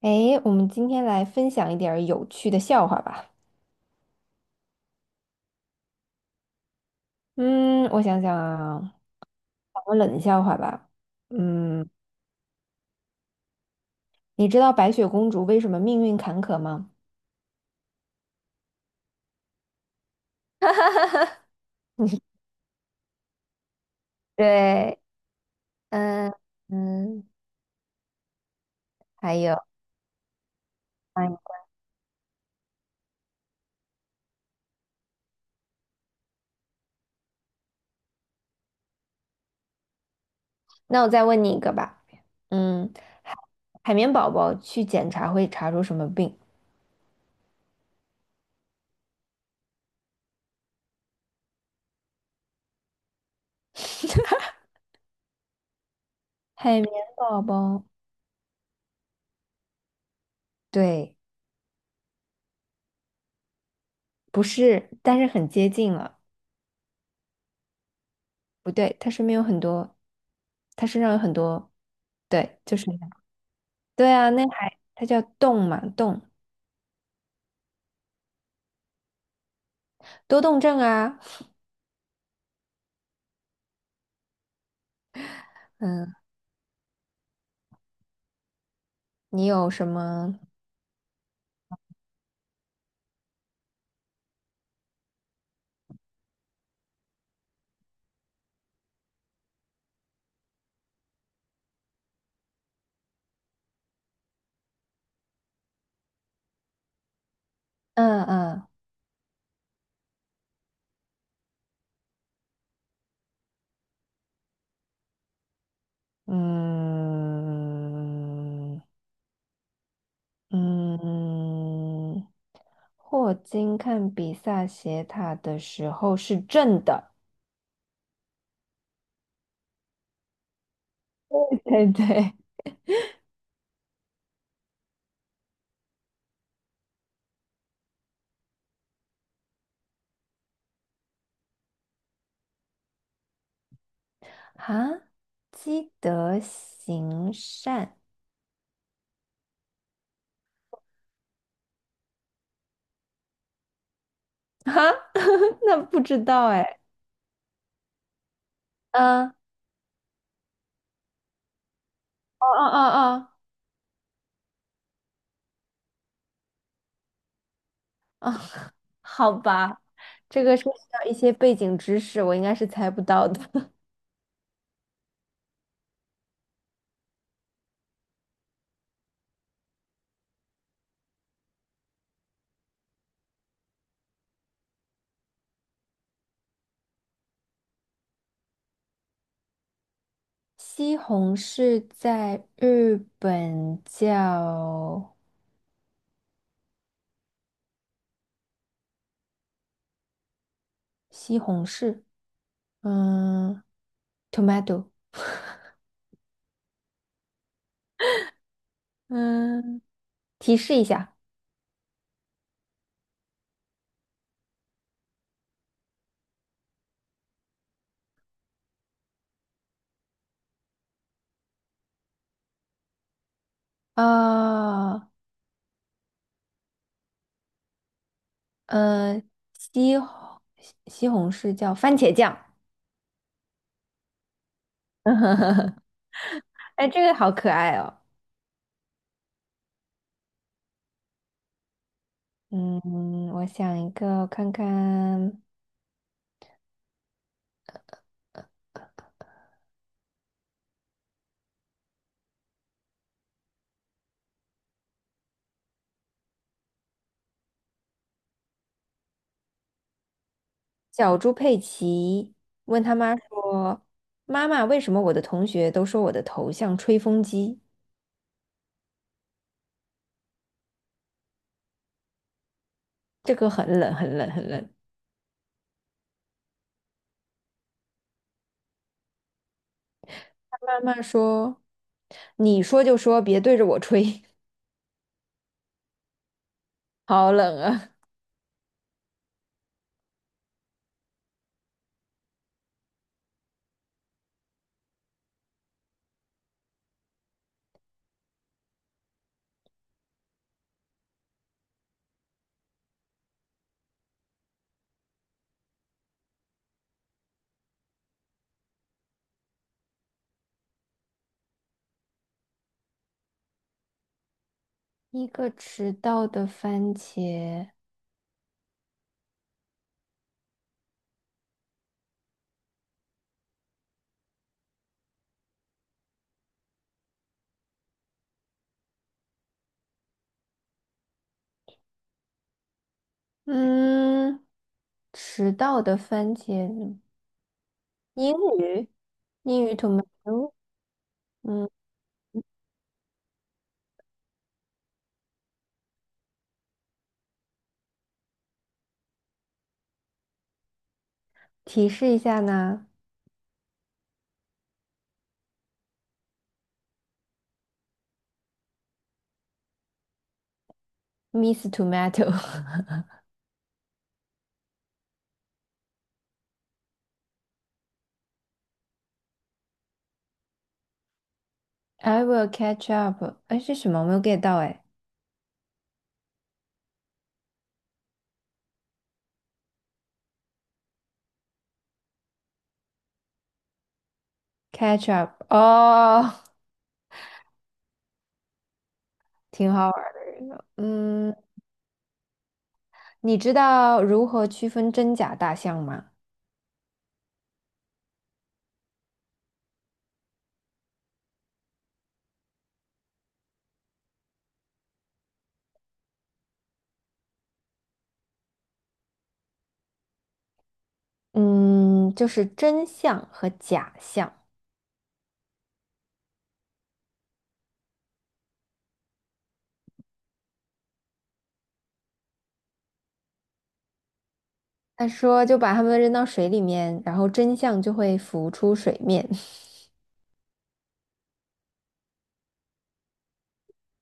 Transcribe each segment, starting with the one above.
哎，我们今天来分享一点儿有趣的笑话吧。嗯，我想想啊，讲个冷笑话吧。嗯，你知道白雪公主为什么命运坎坷吗？对，嗯嗯，还有，哎，那我再问你一个吧。嗯，海海绵宝宝去检查会查出什么病？海绵宝宝，对，不是，但是很接近了。不对，它身边有很多，它身上有很多，对，就是。对啊，那还它叫动嘛，动多动症啊。嗯，你有什么？嗯嗯嗯嗯，霍金看比萨斜塔的时候是正的。对对。啊，积德行善哈？那不知道哎。嗯，哦哦哦哦哦，好吧，这个涉及到一些背景知识，我应该是猜不到的。西红柿在日本叫西红柿，嗯，tomato，嗯，提示一下啊，呃，西红西红柿叫番茄酱，哎，这个好可爱哦。嗯，我想一个看看，小猪佩奇问他妈说：“妈妈，为什么我的同学都说我的头像吹风机？”这个很冷，很冷，很冷。慢慢说，你说就说，别对着我吹，好冷啊！一个迟到的番茄，嗯，迟到的番茄，英语，英语 tomato，嗯，提示一下呢，Miss Tomato，I will catch up，哎，是什么？我没有 get 到，哎，catch up，哦，挺好玩的一个，嗯，你知道如何区分真假大象吗？嗯，就是真相和假象。他说，就把他们扔到水里面，然后真相就会浮出水面。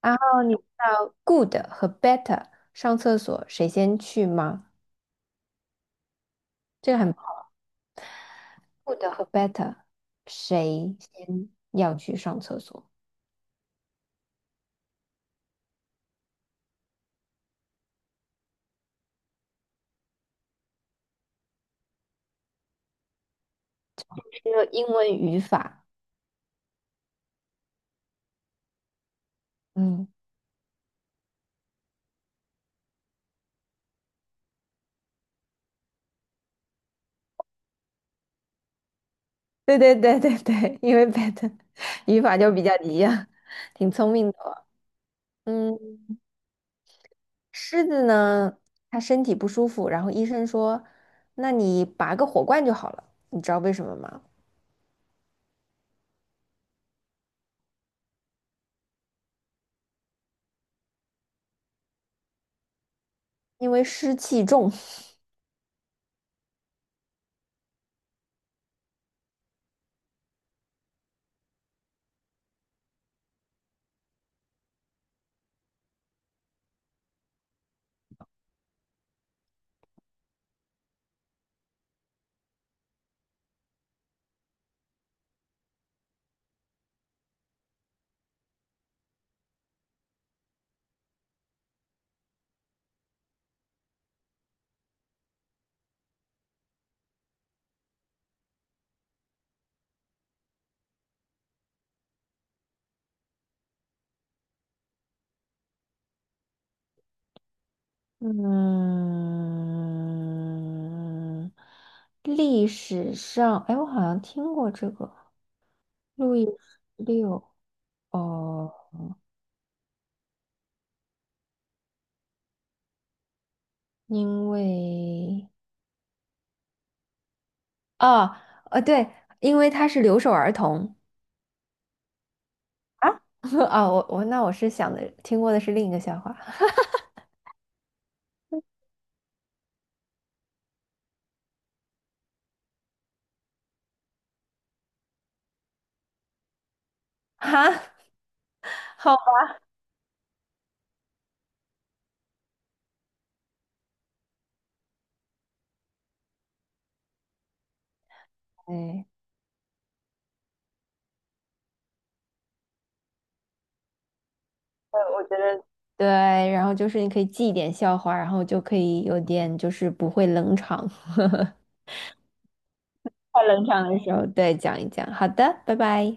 然后你知道 good 和 better 上厕所谁先去吗？这个很 good 和 better 谁先要去上厕所？这个英文语法。嗯，对对对对对，因为 better 语法就比较一样，挺聪明的哦嗯。狮子呢，它身体不舒服，然后医生说，那你拔个火罐就好了。你知道为什么吗？因为湿气重。嗯，历史上，哎，我好像听过这个路易十六哦，因为啊对，因为他是留守儿童。啊，啊，我那我是想的，听过的是另一个笑话。哈，好吧，哎。我觉得对，然后就是你可以记一点笑话，然后就可以有点就是不会冷场，太冷场的时候对讲一讲。好的，拜拜。